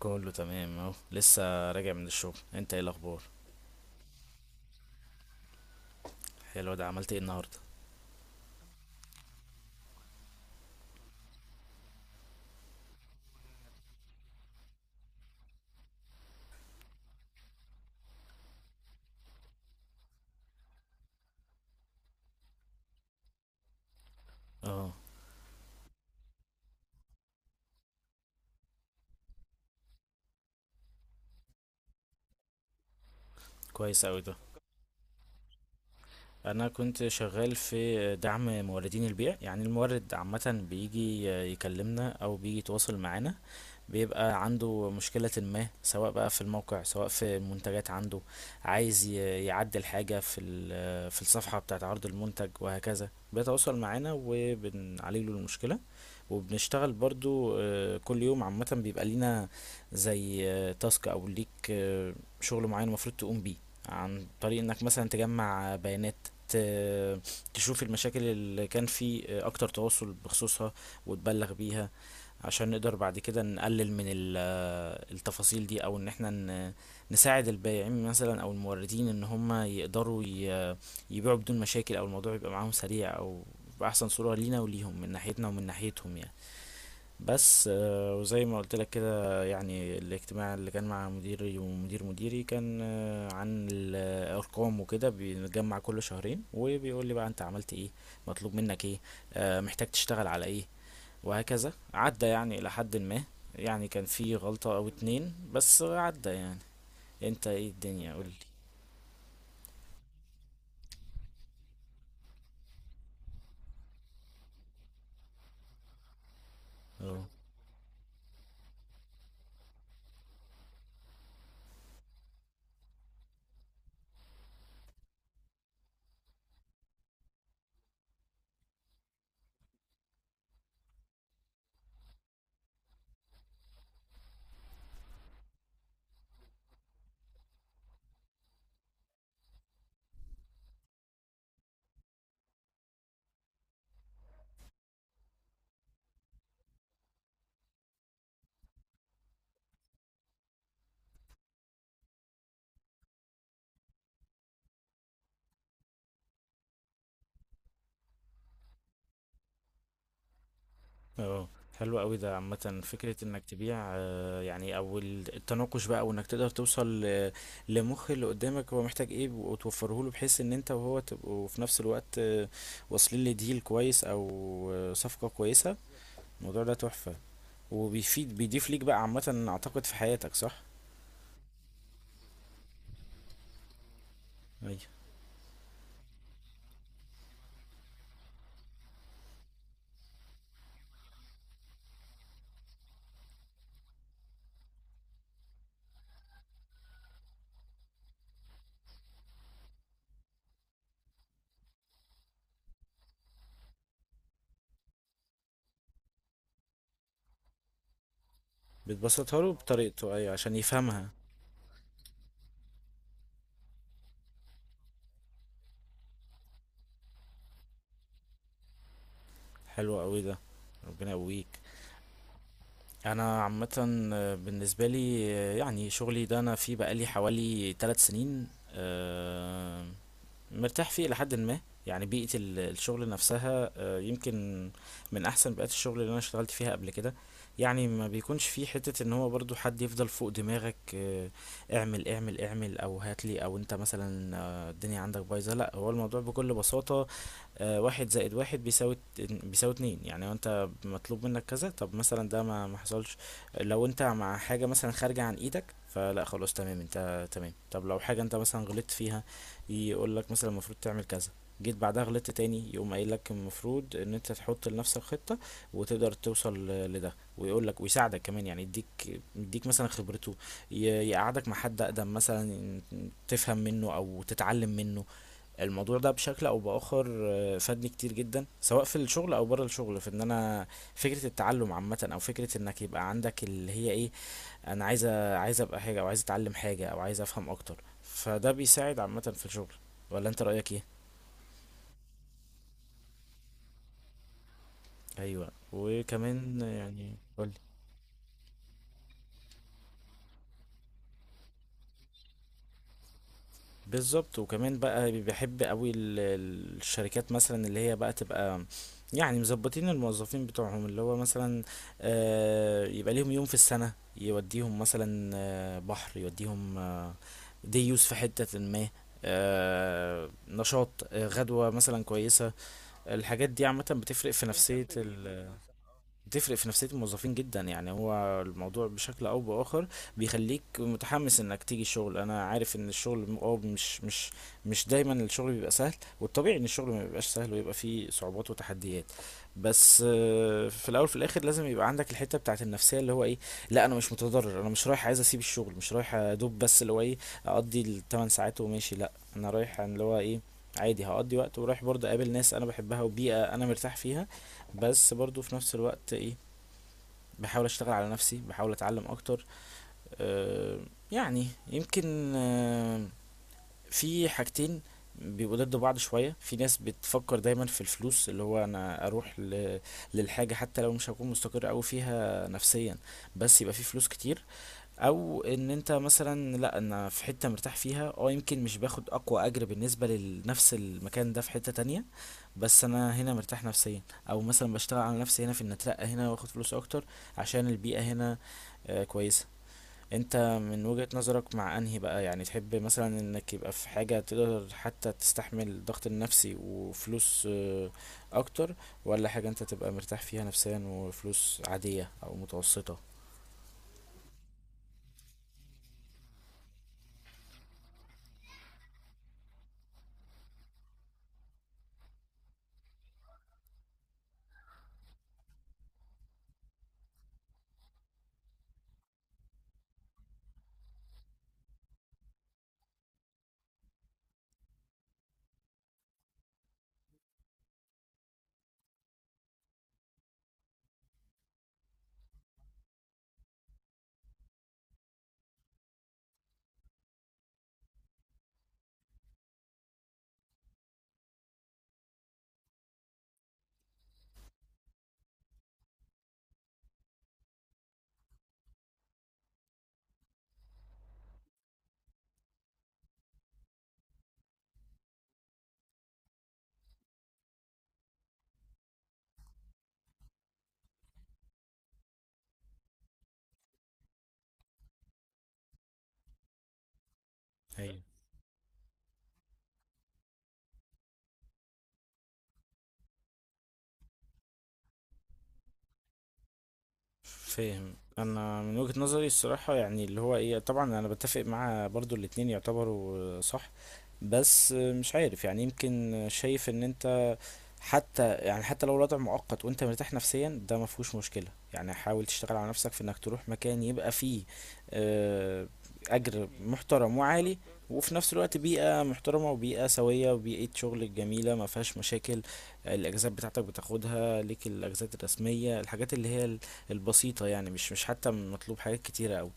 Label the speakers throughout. Speaker 1: كله تمام، اهو لسه راجع من الشغل. انت ايه الاخبار؟ حلو. ده عملت ايه النهارده؟ اه. كويس اوي ده. انا كنت شغال في دعم موردين البيع، يعني المورد عامه بيجي يكلمنا او بيجي يتواصل معانا. بيبقى عنده مشكلة ما، سواء بقى في الموقع سواء في المنتجات عنده. عايز يعدل حاجة في في الصفحة بتاعة عرض المنتج، وهكذا بيتواصل معانا وبنعالج له المشكلة. وبنشتغل برضو كل يوم عامة بيبقى لينا، زي تاسك أو ليك، شغل معين المفروض تقوم بيه، عن طريق انك مثلا تجمع بيانات، ت- تشوف المشاكل اللي كان في اكتر تواصل بخصوصها وتبلغ بيها، عشان نقدر بعد كده نقلل من التفاصيل دي، او ان احنا نساعد البائعين مثلا او الموردين ان هم يقدروا يبيعوا بدون مشاكل، او الموضوع يبقى معاهم سريع، او بأحسن صورة لينا وليهم من ناحيتنا ومن ناحيتهم يعني. بس وزي ما قلت لك كده، يعني الاجتماع اللي كان مع مديري ومدير مديري كان عن الأرقام وكده. بنتجمع كل شهرين وبيقول لي بقى انت عملت ايه، مطلوب منك ايه، محتاج تشتغل على ايه، وهكذا. عدى يعني إلى حد ما، يعني كان في غلطة أو اتنين بس عدى يعني. انت ايه الدنيا قولي؟ اه. اه. حلو قوي ده، عامة فكرة انك تبيع يعني، او التناقش بقى، وانك تقدر توصل لمخ اللي قدامك هو محتاج ايه وتوفره له، بحيث ان انت وهو تبقوا في نفس الوقت واصلين لديل كويس، او صفقة كويسة. الموضوع ده تحفة، وبيفيد، بيضيف ليك بقى عامة اعتقد في حياتك، صح؟ ايوه. بتبسطها له بطريقته، ايوه عشان يفهمها. حلو قوي ده، ربنا يقويك. انا عامه بالنسبه لي يعني شغلي ده انا فيه بقالي حوالي 3 سنين مرتاح فيه إلى حد ما. يعني بيئة الشغل نفسها يمكن من أحسن بيئات الشغل اللي أنا اشتغلت فيها قبل كده. يعني ما بيكونش فيه حتة إن هو برضو حد يفضل فوق دماغك اعمل اعمل اعمل، أو هاتلي، أو أنت مثلا الدنيا عندك بايظة. لأ، هو الموضوع بكل بساطة واحد زائد واحد بيساوي بيساوي اتنين، يعني انت مطلوب منك كذا. طب مثلا ده ما حصلش، لو انت مع حاجة مثلا خارجة عن ايدك فلا، خلاص تمام، انت تمام. طب لو حاجة انت مثلا غلطت فيها، يقول لك مثلا المفروض تعمل كذا. جيت بعدها غلطت تاني، يقوم قايل لك المفروض ان انت تحط لنفسك خطة وتقدر توصل لده، ويقول لك ويساعدك كمان، يعني يديك مثلا خبرته، يقعدك مع حد اقدم مثلا تفهم منه او تتعلم منه. الموضوع ده بشكل او باخر فادني كتير جدا، سواء في الشغل او بره الشغل، في ان انا فكرة التعلم عامة، او فكرة انك يبقى عندك اللي هي ايه، انا عايز ابقى حاجه، او عايز اتعلم حاجه، او عايز افهم اكتر. فده بيساعد عامه في الشغل، ولا انت رايك ايه؟ ايوه، وكمان يعني. بالظبط، وكمان بقى بيحب قوي الشركات مثلا اللي هي بقى تبقى يعني مظبطين الموظفين بتوعهم، اللي هو مثلا يبقى ليهم يوم في السنة يوديهم مثلا بحر، يوديهم ديوس في حتة ما، نشاط، غدوة مثلا كويسة. الحاجات دي عامة بتفرق في نفسية الموظفين جدا، يعني هو الموضوع بشكل أو بآخر بيخليك متحمس إنك تيجي الشغل. أنا عارف إن الشغل مش دايما الشغل بيبقى سهل، والطبيعي إن الشغل ما بيبقاش سهل ويبقى فيه صعوبات وتحديات. بس في الأول في الآخر لازم يبقى عندك الحتة بتاعت النفسية اللي هو إيه. لا، أنا مش متضرر، أنا مش رايح عايز أسيب الشغل، مش رايح أدوب، بس اللي هو إيه، أقضي الثمان ساعات وماشي. لا، أنا رايح عن اللي هو إيه، عادي هقضي وقت ورايح برضه اقابل ناس انا بحبها وبيئة انا مرتاح فيها، بس برضه في نفس الوقت إيه، بحاول اشتغل على نفسي، بحاول اتعلم اكتر آه، يعني يمكن في حاجتين بيبقوا ضد بعض شوية. في ناس بتفكر دايما في الفلوس، اللي هو انا اروح للحاجة حتى لو مش هكون مستقر اوي فيها نفسيا، بس يبقى في فلوس كتير. او ان انت مثلا، لا انا في حتة مرتاح فيها، اه، يمكن مش باخد اقوى اجر بالنسبة لنفس المكان ده في حتة تانية، بس انا هنا مرتاح نفسيا. او مثلا بشتغل على نفسي هنا في ان اترقى هنا واخد فلوس اكتر عشان البيئة هنا كويسة. انت من وجهة نظرك، مع انهي بقى يعني، تحب مثلا انك يبقى في حاجة تقدر حتى تستحمل الضغط النفسي وفلوس اكتر، ولا حاجة انت تبقى مرتاح فيها نفسيا وفلوس عادية او متوسطة؟ ايوه، فاهم. انا من وجهة نظري الصراحة، يعني اللي هو ايه، طبعا انا بتفق مع برضو الاتنين يعتبروا صح. بس مش عارف يعني، يمكن شايف ان انت حتى، يعني حتى لو الوضع مؤقت وانت مرتاح نفسيا ده ما فيهوش مشكلة، يعني حاول تشتغل على نفسك في انك تروح مكان يبقى فيه آه، اجر محترم وعالي، وفي نفس الوقت بيئة محترمة وبيئة سوية وبيئة شغل جميلة ما فيهاش مشاكل. الأجازات بتاعتك بتاخدها ليك، الأجازات الرسمية، الحاجات اللي هي البسيطة يعني، مش حتى مطلوب حاجات كتيرة أوي.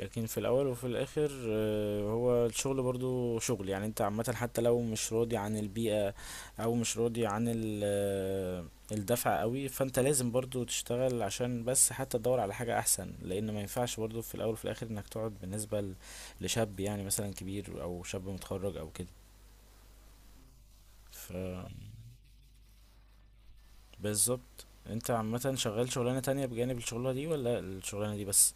Speaker 1: لكن في الاول وفي الاخر هو الشغل برضو شغل، يعني انت عامة حتى لو مش راضي عن البيئة او مش راضي عن الدفع قوي، فانت لازم برضو تشتغل عشان بس حتى تدور على حاجة احسن، لان ما ينفعش برضو في الاول وفي الاخر انك تقعد، بالنسبة لشاب يعني مثلا كبير، او شاب متخرج او كده. ف بالظبط، انت عامة شغال شغلانة تانية بجانب الشغلانة دي، ولا الشغلانة دي بس؟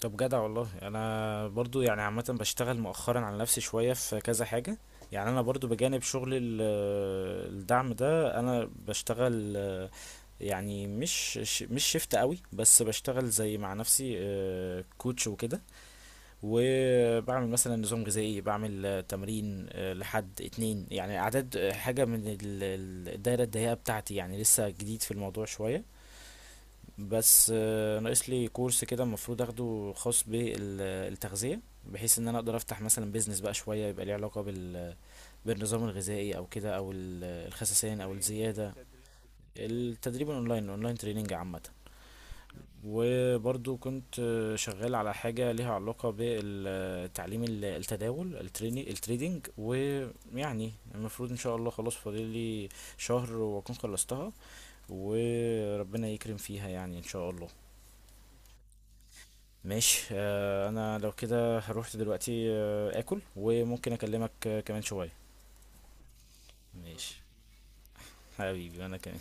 Speaker 1: طب جدع والله. انا برضو يعني عامه بشتغل مؤخرا على نفسي شويه في كذا حاجه، يعني انا برضو بجانب شغل الدعم ده، انا بشتغل يعني مش مش شيفت قوي، بس بشتغل زي مع نفسي كوتش وكده، وبعمل مثلا نظام غذائي، بعمل تمرين لحد اتنين يعني، اعداد حاجه من الدايره الضيقه بتاعتي، يعني لسه جديد في الموضوع شويه. بس ناقص لي كورس كده المفروض اخده خاص بالتغذية، بحيث ان انا اقدر افتح مثلا بيزنس بقى شوية يبقى ليه علاقة بالنظام الغذائي او كده، او الخسسان او الزيادة. التدريب الاونلاين، تريننج عامة. وبرضو كنت شغال على حاجة ليها علاقة بالتعليم، التداول، التريدينج، ويعني المفروض ان شاء الله خلاص فاضل لي شهر واكون خلصتها، وربنا يكرم فيها يعني ان شاء الله. ماشي انا لو كده هروح دلوقتي اكل، وممكن اكلمك كمان شوية. ماشي حبيبي، انا كمان.